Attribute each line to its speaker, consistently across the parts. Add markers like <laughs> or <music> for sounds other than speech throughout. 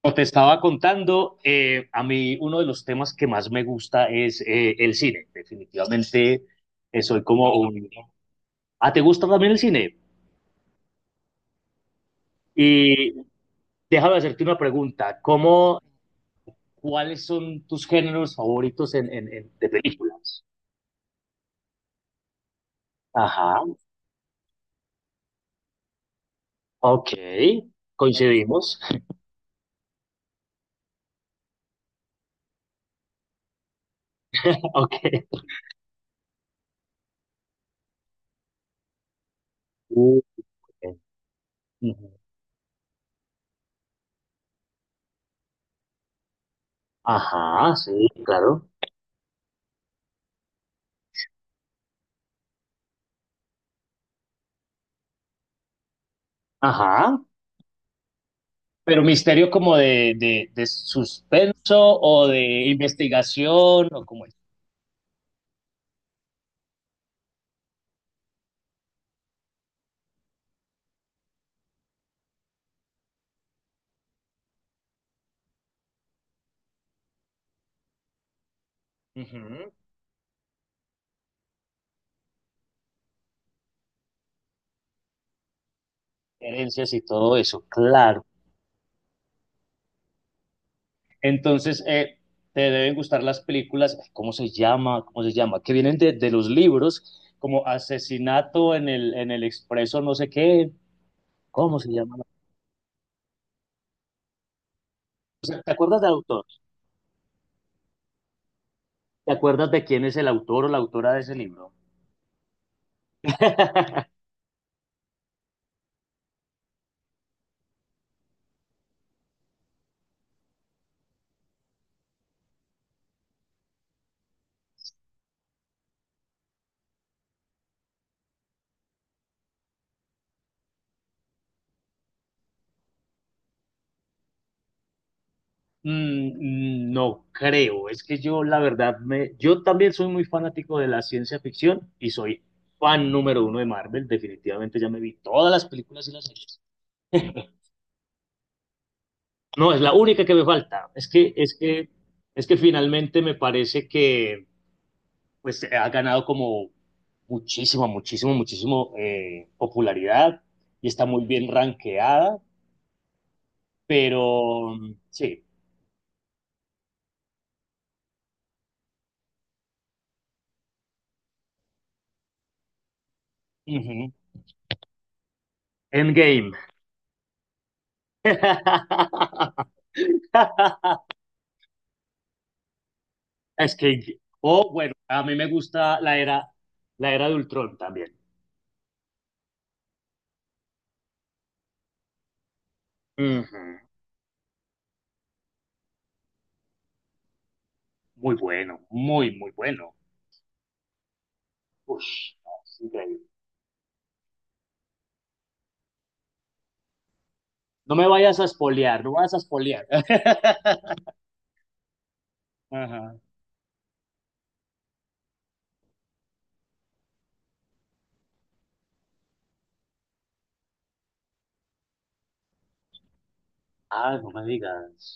Speaker 1: Como te estaba contando, a mí uno de los temas que más me gusta es el cine. Definitivamente soy como un... Ah, ¿te gusta también el cine? Y déjame hacerte una pregunta. ¿Cuáles son tus géneros favoritos de películas? Ajá, ok, coincidimos. <laughs> Ok. Uh, eh, ujú. Ajá, sí, claro. Ajá. Pero misterio como de suspenso o de investigación o como es. Ujú. Herencias y todo eso, claro. Entonces, te deben gustar las películas, ay, ¿cómo se llama? ¿Cómo se llama? Que vienen de los libros, como Asesinato en el Expreso, no sé qué. ¿Cómo se llama? ¿Te acuerdas del autor? ¿Te acuerdas de quién es el autor o la autora de ese libro? <laughs> Mm, mm, no creo, es que yo la verdad me, yo también soy muy fanático de la ciencia ficción y soy fan número uno de Marvel, definitivamente ya me vi todas las películas y las series. No, es la única que me falta. Es que finalmente me parece que pues ha ganado como muchísimo, muchísimo, muchísimo popularidad y está muy bien rankeada, pero mm, sí. Ujú. Endgame. <laughs> Es que, oh, bueno, a mí me gusta la era de Ultron también. Ujú. Muy bueno, muy, muy bueno. Ush, no, es increíble. No me vayas a espolear, no vayas a espolear. <laughs> Ajá. Ah, no me digas.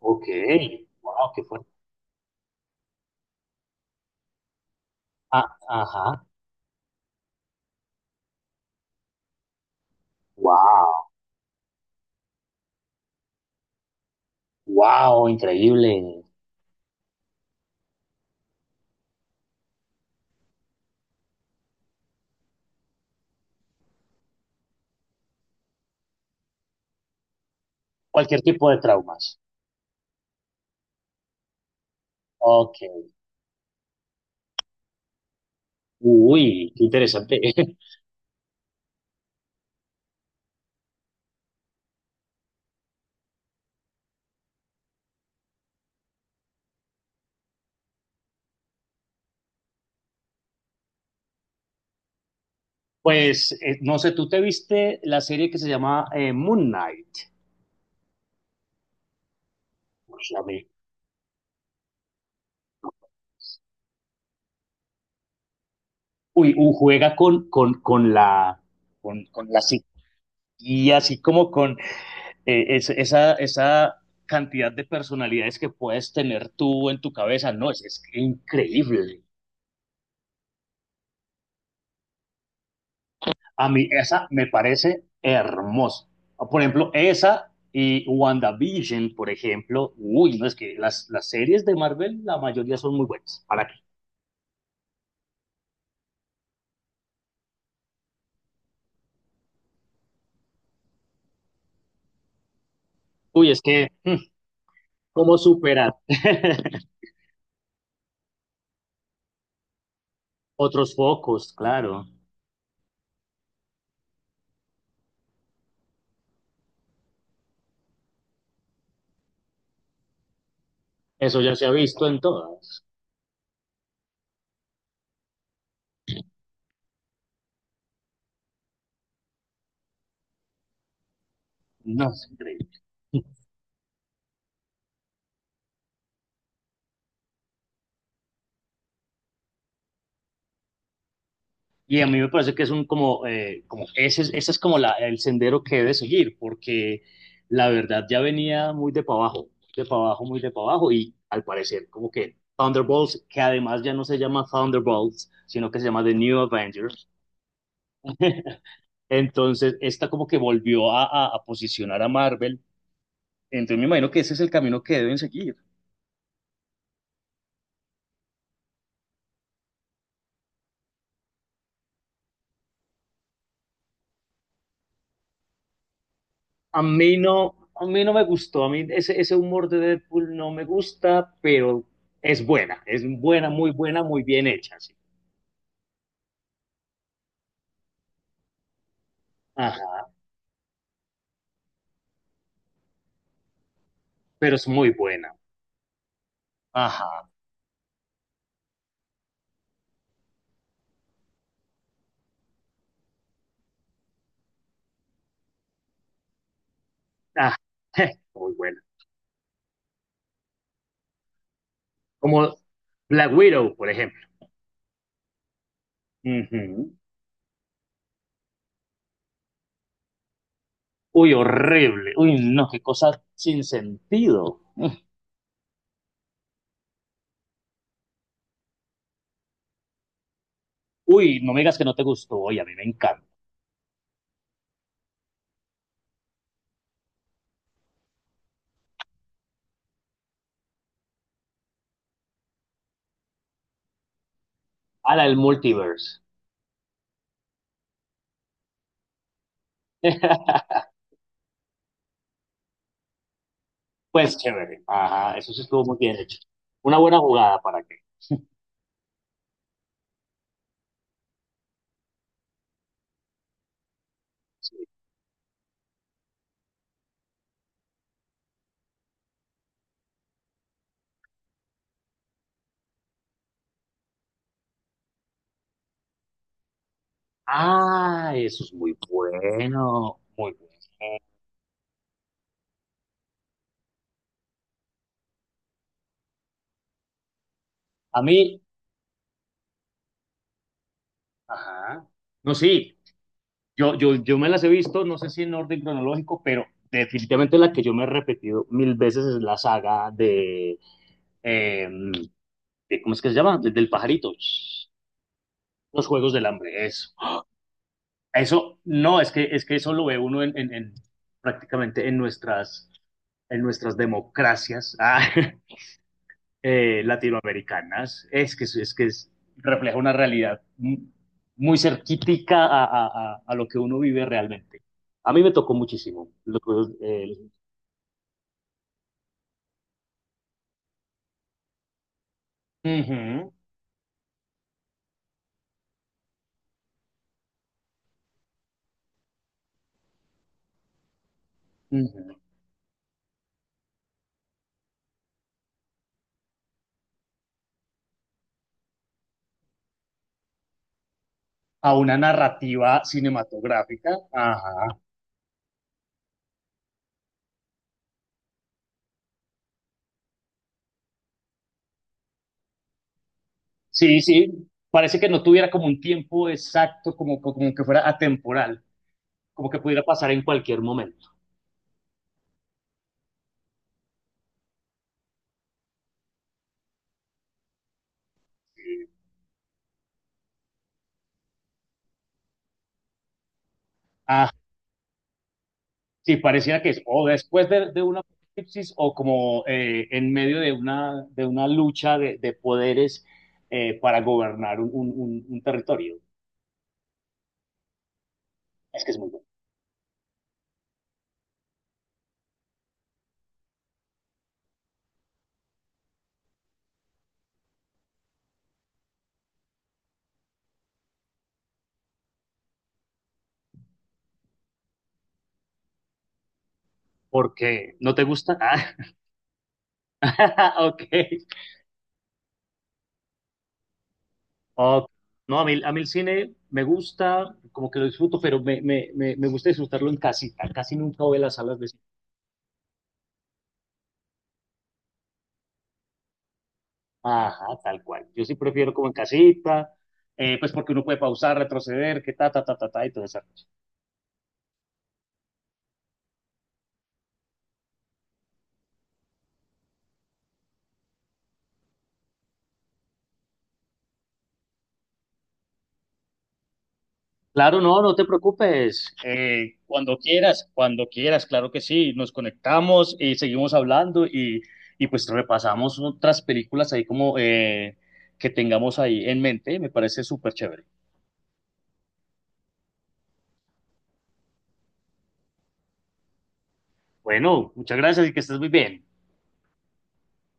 Speaker 1: Ok, wow, qué fuerte. Ah, ajá, wow, wow, increíble. Cualquier tipo de traumas. Ok, uy, qué interesante. <laughs> Pues no sé, ¿tú te viste la serie que se llama Moon Knight? Uy, a mí, uy, juega con la, con la psiquía, así como con esa cantidad de personalidades que puedes tener tú en tu cabeza. No, es increíble. A mí esa me parece hermosa. Por ejemplo, esa y WandaVision, por ejemplo, uy, no es que las series de Marvel, la mayoría son muy buenas. ¿Para qué? Uy, es que, mm, ¿cómo superar? <laughs> Otros focos, claro. Eso ya se ha visto en todas. No, es increíble. Y a mí me parece que es un como, ese es como la, el sendero que debe seguir, porque la verdad ya venía muy de para abajo, muy de para abajo, y al parecer como que Thunderbolts, que además ya no se llama Thunderbolts, sino que se llama The New Avengers, <laughs> entonces esta como que volvió a posicionar a Marvel, entonces me imagino que ese es el camino que deben seguir. A mí no me gustó, a mí ese, ese humor de Deadpool no me gusta, pero es buena, muy bien hecha, sí. Ajá, pero es muy buena. Ajá, ajá, <laughs> muy buena. Como Black Widow, por ejemplo. Ujú. Uy, horrible. Uy, no, qué cosa sin sentido. Mm. Uy, no me digas que no te gustó. Oye, a mí me encanta. A la del multiverse. <laughs> Pues chévere. Ajá, eso sí estuvo muy bien hecho. Una buena jugada para qué. Sí. Ah, eso es muy bueno, muy bueno. A mí, ajá, no, sí, yo me las he visto, no sé si en orden cronológico, pero definitivamente la que yo me he repetido mil veces es la saga de, eh, ¿cómo es que se llama? De- Del pajarito, los Juegos del Hambre, eso. Eso, no, es que eso lo ve uno prácticamente en nuestras democracias. Ah, <laughs> latinoamericanas. Es refleja una realidad muy cerquítica lo que uno vive realmente. A mí me tocó muchísimo lo que, eh, uh -huh, uh -huh. a una narrativa cinematográfica. Ajá. Sí, sí, parece que no tuviera como un tiempo exacto, como, como que fuera atemporal, como que pudiera pasar en cualquier momento. Ah, sí, pareciera que es o después de un apocalipsis o como en medio de una lucha de poderes para gobernar un territorio. Es que es muy bueno. Porque no te gusta. <laughs> Ah, ok. Ok. No, a mí el cine me gusta, como que lo disfruto, pero me gusta disfrutarlo en casita. Casi nunca voy a las salas de cine. Ajá, tal cual. Yo sí prefiero como en casita, pues porque uno puede pausar, retroceder, que ta, ta, ta, ta, ta, y todo eso. Claro, no, no te preocupes. Cuando quieras, claro que sí. Nos conectamos y seguimos hablando y pues repasamos otras películas ahí como que tengamos ahí en mente. Me parece súper chévere. Bueno, muchas gracias y que estés muy bien.